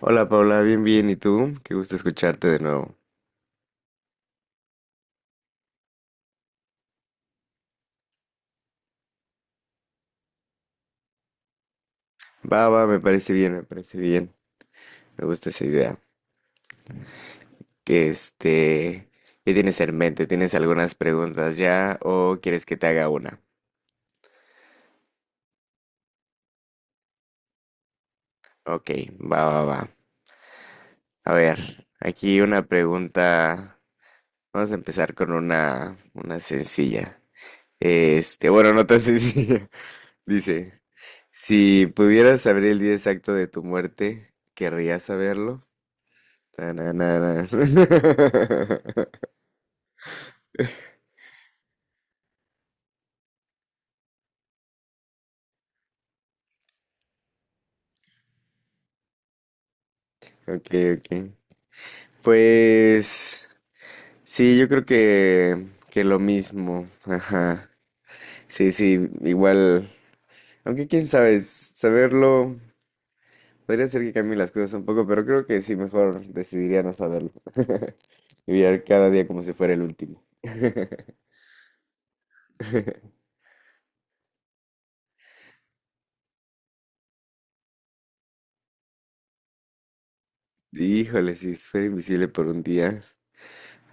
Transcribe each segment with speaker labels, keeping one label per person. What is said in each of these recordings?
Speaker 1: Hola Paula, bien, bien. ¿Y tú? Qué gusto escucharte de nuevo. Va, va, me parece bien, me parece bien. Me gusta esa idea. Que este, ¿Qué tienes en mente? ¿Tienes algunas preguntas ya o quieres que te haga una? Ok, va, va, va. A ver, aquí una pregunta. Vamos a empezar con una sencilla. Bueno, no tan sencilla. Dice, si pudieras saber el día exacto de tu muerte, ¿querrías saberlo? Tananana. Ok, ok. Pues sí, yo creo que, lo mismo. Ajá. Sí, sí, igual. Aunque quién sabe, saberlo podría ser que cambie las cosas un poco, pero creo que sí, mejor decidiría no saberlo. Vivir cada día como si fuera el último. Híjole, si fuera invisible por un día.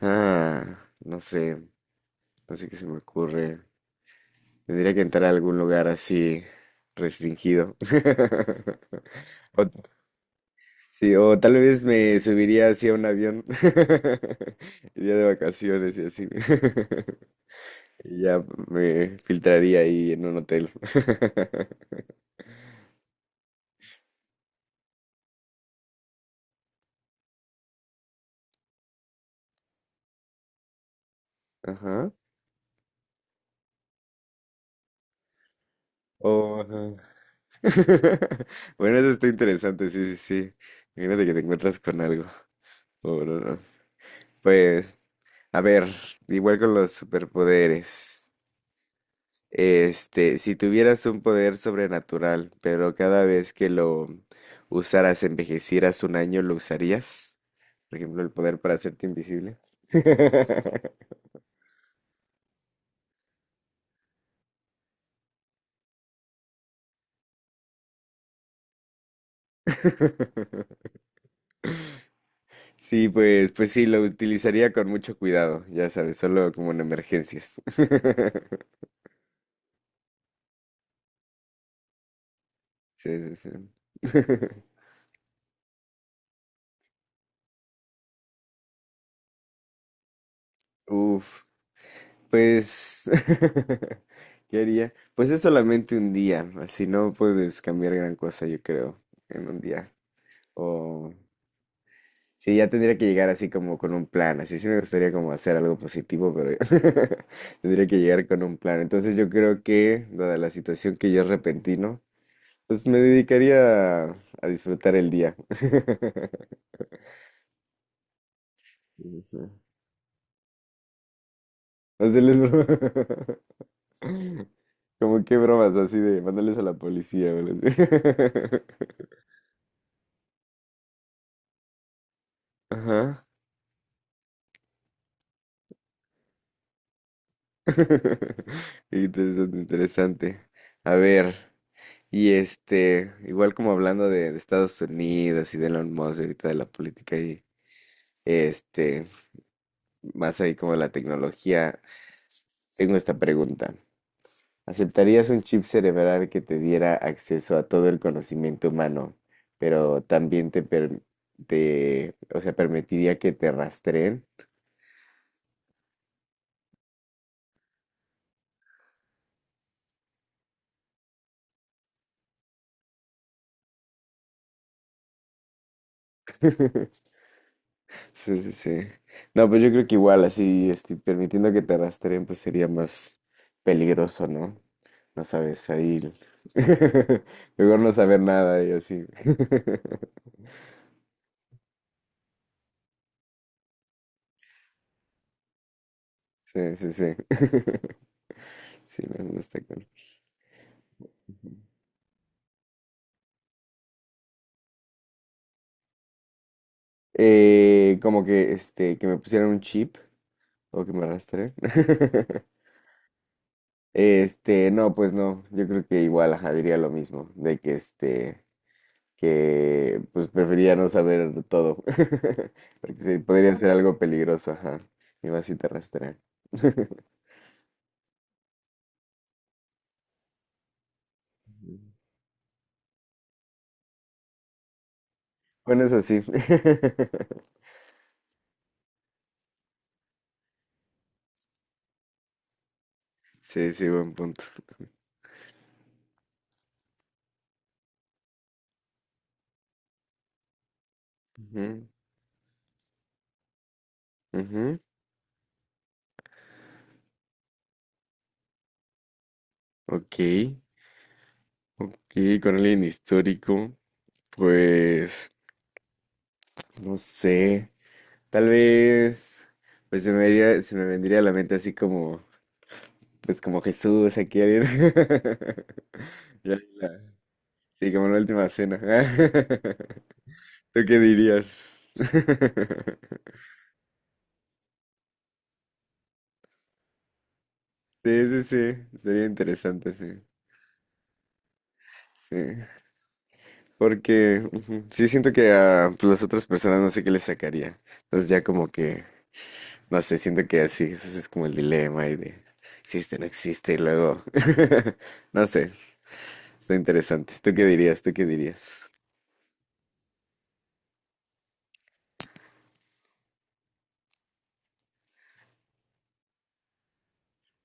Speaker 1: Ah, no sé, no sé qué se me ocurre. Tendría que entrar a algún lugar así restringido. O sí, o tal vez me subiría así a un avión. Iría de vacaciones y así. Y ya me filtraría ahí en un hotel. Ajá. O, ajá. Bueno, eso está interesante, sí, sí, sí. Imagínate que te encuentras con algo. O no, no. Pues, a ver, igual con los superpoderes. Si tuvieras un poder sobrenatural, pero cada vez que lo usaras, envejecieras un año, ¿lo usarías? Por ejemplo, el poder para hacerte invisible. Sí, pues, pues sí, lo utilizaría con mucho cuidado, ya sabes, solo como en emergencias. Sí, sí, sí. Uf, pues, ¿qué haría? Pues es solamente un día, así no puedes cambiar gran cosa, yo creo, en un día. O sí, ya tendría que llegar así como con un plan. Así sí me gustaría como hacer algo positivo, pero tendría que llegar con un plan. Entonces yo creo que, dada la situación que ya es repentino, pues me dedicaría a disfrutar el día. No sé. Hacerles bromas. Como qué bromas así de mandarles a la policía o algo así. Ajá. Interesante, interesante. A ver. Y igual como hablando de Estados Unidos y de Elon Musk, ahorita de la política y este, más ahí como de la tecnología, tengo esta pregunta. ¿Aceptarías un chip cerebral que te diera acceso a todo el conocimiento humano, pero también o sea, permitiría que te rastreen? Sí, sí, sí. No, pues yo creo que igual así, permitiendo que te rastreen, pues sería más peligroso, ¿no? No sabes, mejor no saber nada y así. Sí, sí, sí. Sí, no, no está cool. Ujú. Como que, que me pusieran un chip o que me rastreen. No, pues no. Yo creo que igual, ajá, diría lo mismo, de que este. Que pues prefería no saber todo, porque sí, podría ser algo peligroso, ajá, y más si te rastrean. Bueno, eso sí. Sí, sí, buen punto. Ujú, ujú. Ok, ok, con alguien histórico, pues, no sé, tal vez, pues se me vendría a la mente así como, pues como Jesús, aquí alguien. Ya, sí, como la última cena. ¿Tú qué dirías? Sí, sí, sí. Sería interesante, sí. Sí. Porque ujú, sí siento que a pues, las otras personas no sé qué les sacaría. Entonces ya como que, no sé, siento que así, eso sí es como el dilema y de existe, no existe, y luego, no sé, está interesante. ¿Tú qué dirías? ¿Tú qué dirías?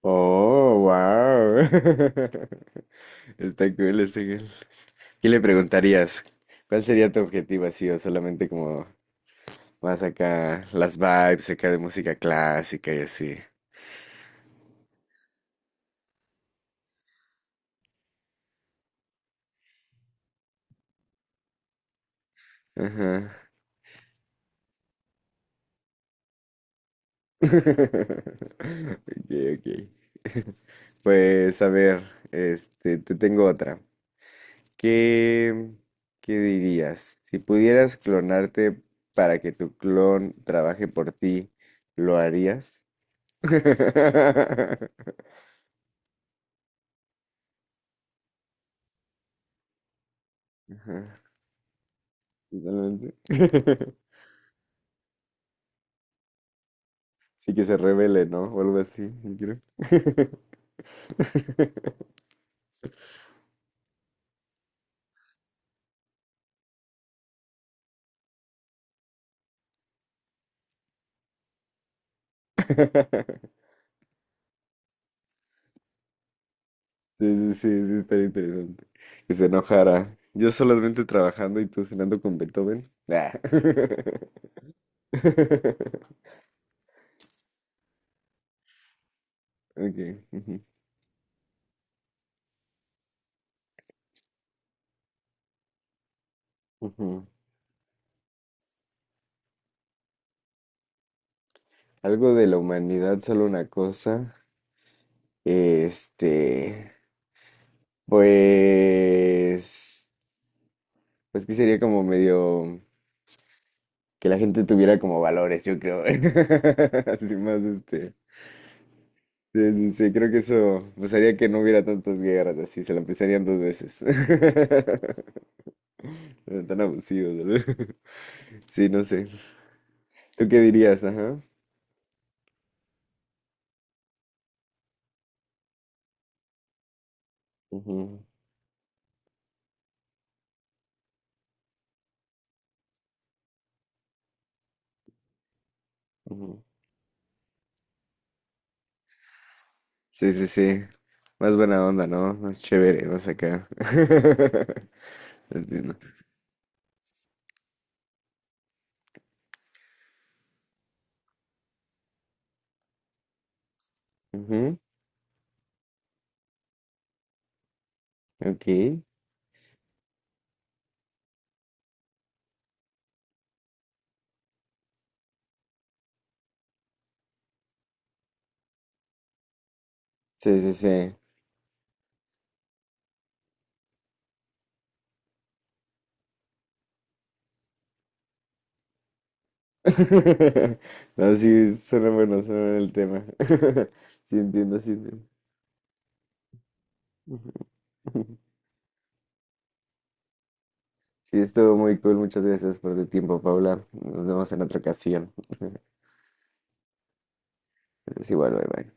Speaker 1: Oh, wow. Está cool, está cool. ¿Qué le preguntarías? ¿Cuál sería tu objetivo así o solamente como más acá las vibes acá de música clásica y así? Ajá. Ok, ok. Pues a ver, te tengo otra. ¿Qué, ¿qué dirías? Si pudieras clonarte para que tu clon trabaje por ti, ¿lo harías? Ajá, totalmente. Sí que se revele, ¿no? O algo así, yo creo. Sí, sí, sí, sí, estaría interesante. Que se enojara. Yo solamente trabajando y tú cenando con Beethoven. Ah. Okay. Ujú, ujú. Algo de la humanidad, solo una cosa. Este, pues, pues que sería como medio que la gente tuviera como valores, yo creo. Así más, este. Sí, sí, sí, creo que eso pasaría que no hubiera tantas guerras así, se la empezarían dos veces. Pero tan abusivos, ¿verdad? Sí, no sé. ¿Tú qué dirías? Ajá. Ujú, ujú. Sí, sí, sí. Más buena onda, ¿no? Más chévere, más acá. Entiendo. Ujú, ok. Sí, sí, sí. No, sí, suena bueno el tema. Sí, entiendo, sí. Entiendo. Ujú. Sí, estuvo muy cool. Muchas gracias por tu tiempo, Paula. Nos vemos en otra ocasión. Es igual, bye bye.